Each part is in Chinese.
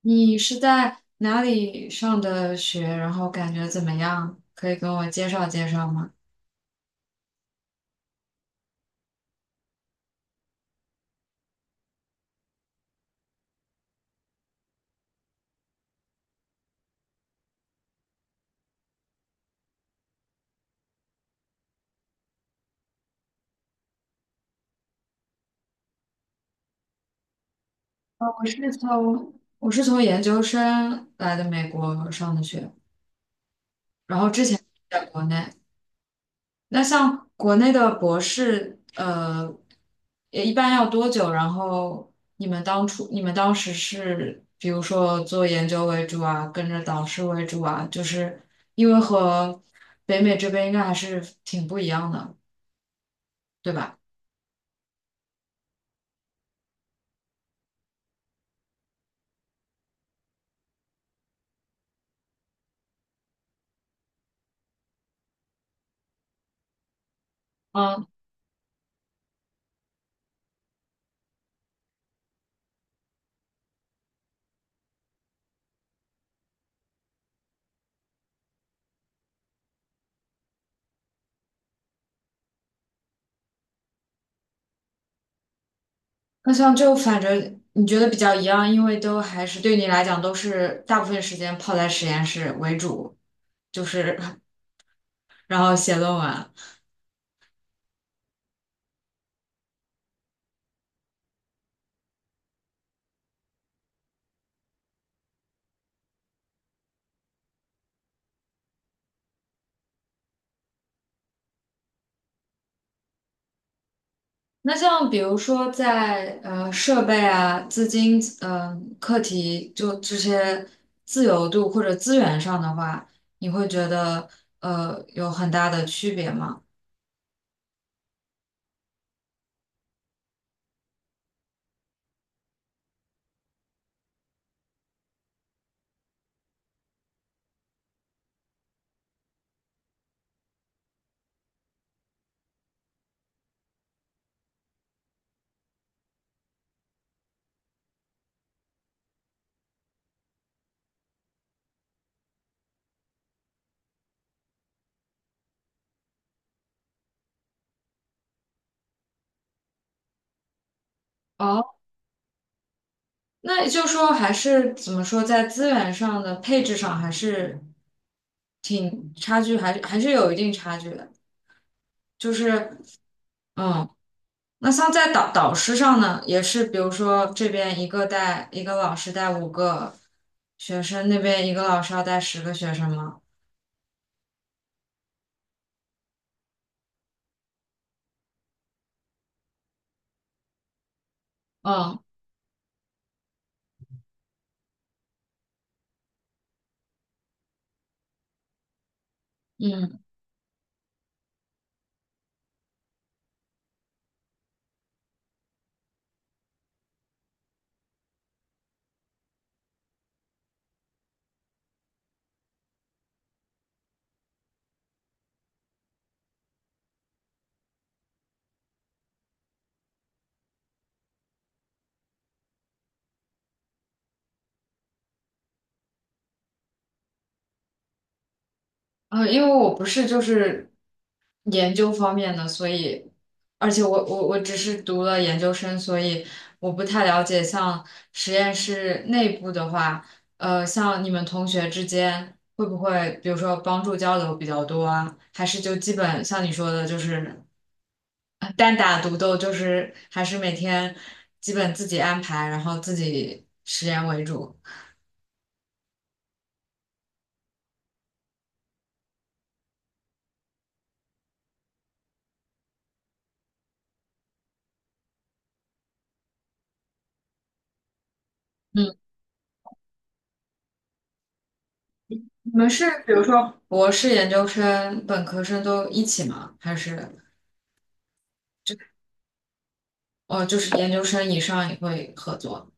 你是在哪里上的学？然后感觉怎么样？可以跟我介绍介绍吗？哦，我是从研究生来的美国上的学，然后之前在国内。那像国内的博士，也一般要多久？然后你们当时是比如说做研究为主啊，跟着导师为主啊，就是因为和北美这边应该还是挺不一样的，对吧？嗯。那像就反正你觉得比较一样，因为都还是对你来讲都是大部分时间泡在实验室为主，就是 然后写论文。那像比如说在设备啊、资金、课题就这些自由度或者资源上的话，你会觉得有很大的区别吗？哦，那也就是说还是怎么说，在资源上的配置上还是挺差距，还是有一定差距的。就是嗯，那像在导师上呢，也是比如说这边一个带一个老师带五个学生，那边一个老师要带十个学生吗？嗯嗯。因为我不是就是研究方面的，所以而且我只是读了研究生，所以我不太了解像实验室内部的话，像你们同学之间会不会比如说帮助交流比较多啊？还是就基本像你说的，就是。单打独斗就是还是每天基本自己安排，然后自己实验为主。嗯，你们是比如说，博士研究生、本科生都一起吗？还是哦，就是研究生以上也会合作？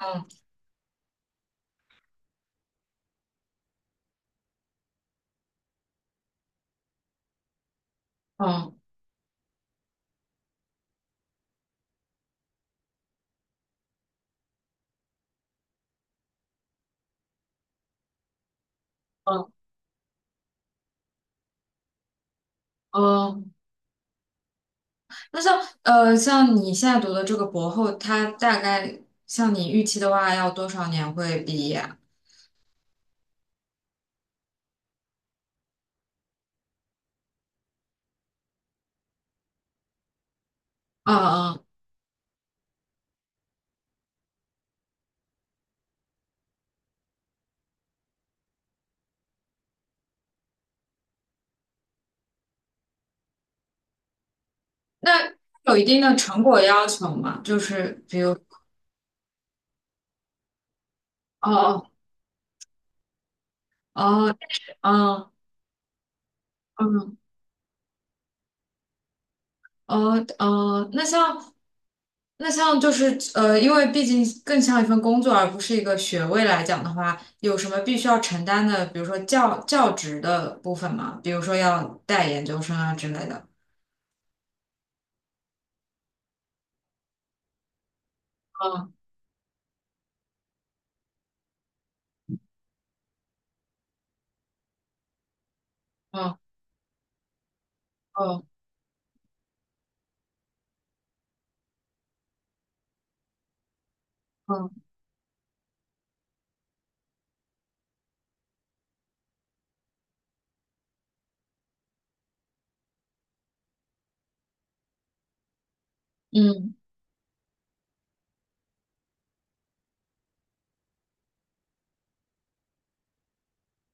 嗯嗯嗯，嗯。那像像你现在读的这个博后，他大概像你预期的话，要多少年会毕业啊？嗯嗯，那有一定的成果要求吗？就是比如，哦哦哦，但是，嗯嗯，哦哦，那像就是因为毕竟更像一份工作，而不是一个学位来讲的话，有什么必须要承担的，比如说教教职的部分吗？比如说要带研究生啊之类的。嗯嗯嗯嗯嗯。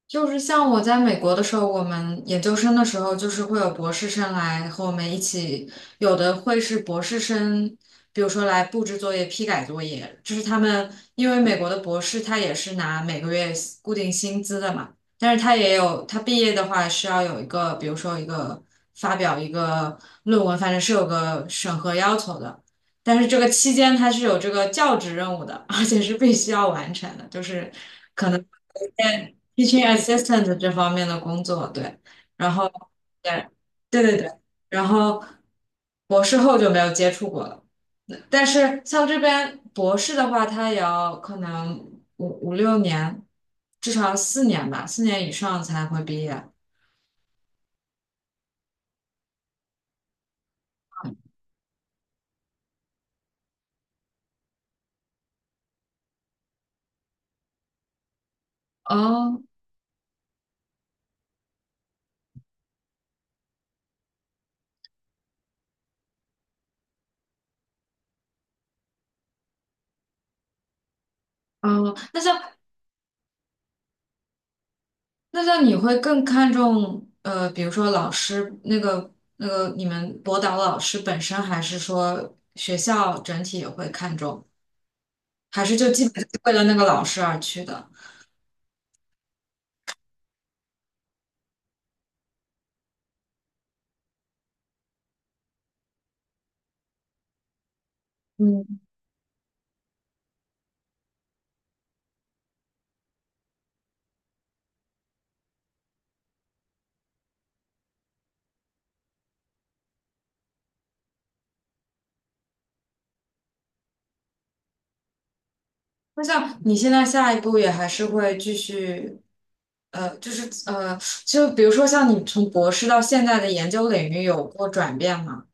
就是像我在美国的时候，我们研究生的时候，就是会有博士生来和我们一起，有的会是博士生，比如说来布置作业、批改作业，就是他们因为美国的博士他也是拿每个月固定薪资的嘛，但是他也有他毕业的话是要有一个，比如说发表一个论文，反正是有个审核要求的，但是这个期间他是有这个教职任务的，而且是必须要完成的，就是。teaching assistant 这方面的工作，对，然后对，对对对，然后博士后就没有接触过了。但是像这边博士的话，他也要可能五六年，至少要四年吧，四年以上才会毕业。哦哦，那像你会更看重比如说老师那个你们博导老师本身，还是说学校整体也会看重？还是就基本就是为了那个老师而去的？嗯，那像你现在下一步也还是会继续，就是就比如说像你从博士到现在的研究领域有过转变吗？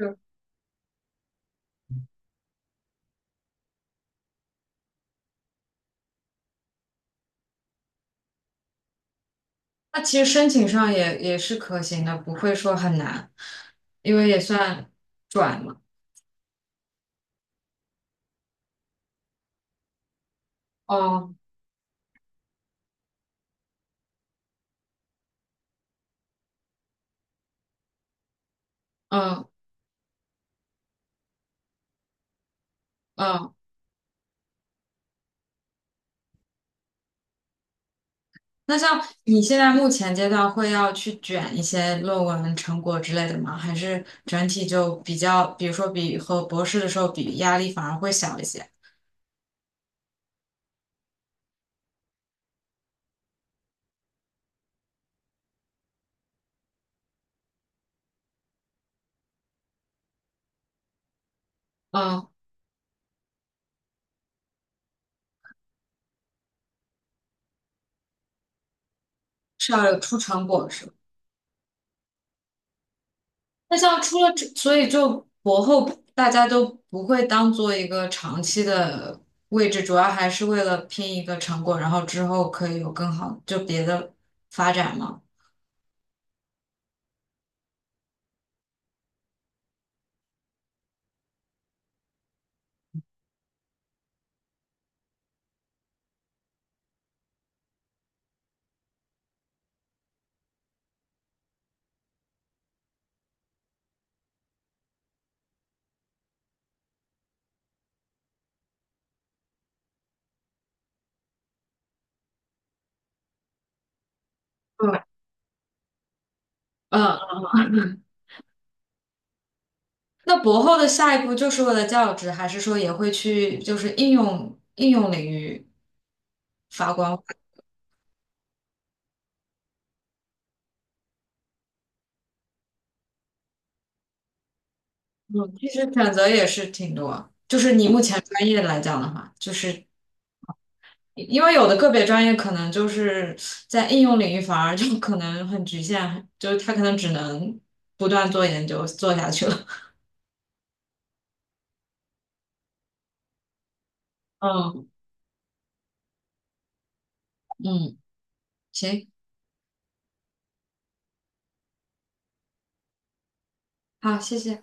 就那其实申请上也也是可行的，不会说很难，因为也算转嘛。哦，嗯嗯，那像你现在目前阶段会要去卷一些论文成果之类的吗？还是整体就比较，比如说比和博士的时候比，压力反而会小一些？嗯，是要有出成果是吧？那像出了这，所以就博后大家都不会当做一个长期的位置，主要还是为了拼一个成果，然后之后可以有更好就别的发展吗？嗯，嗯，那博后的下一步就是为了教职，还是说也会去就是应用领域发光？嗯，其实选择也是挺多。就是你目前专业来讲的话，就是因为有的个别专业可能就是在应用领域反而就可能很局限，就是他可能只能不断做研究做下去了。嗯嗯，行，好，谢谢。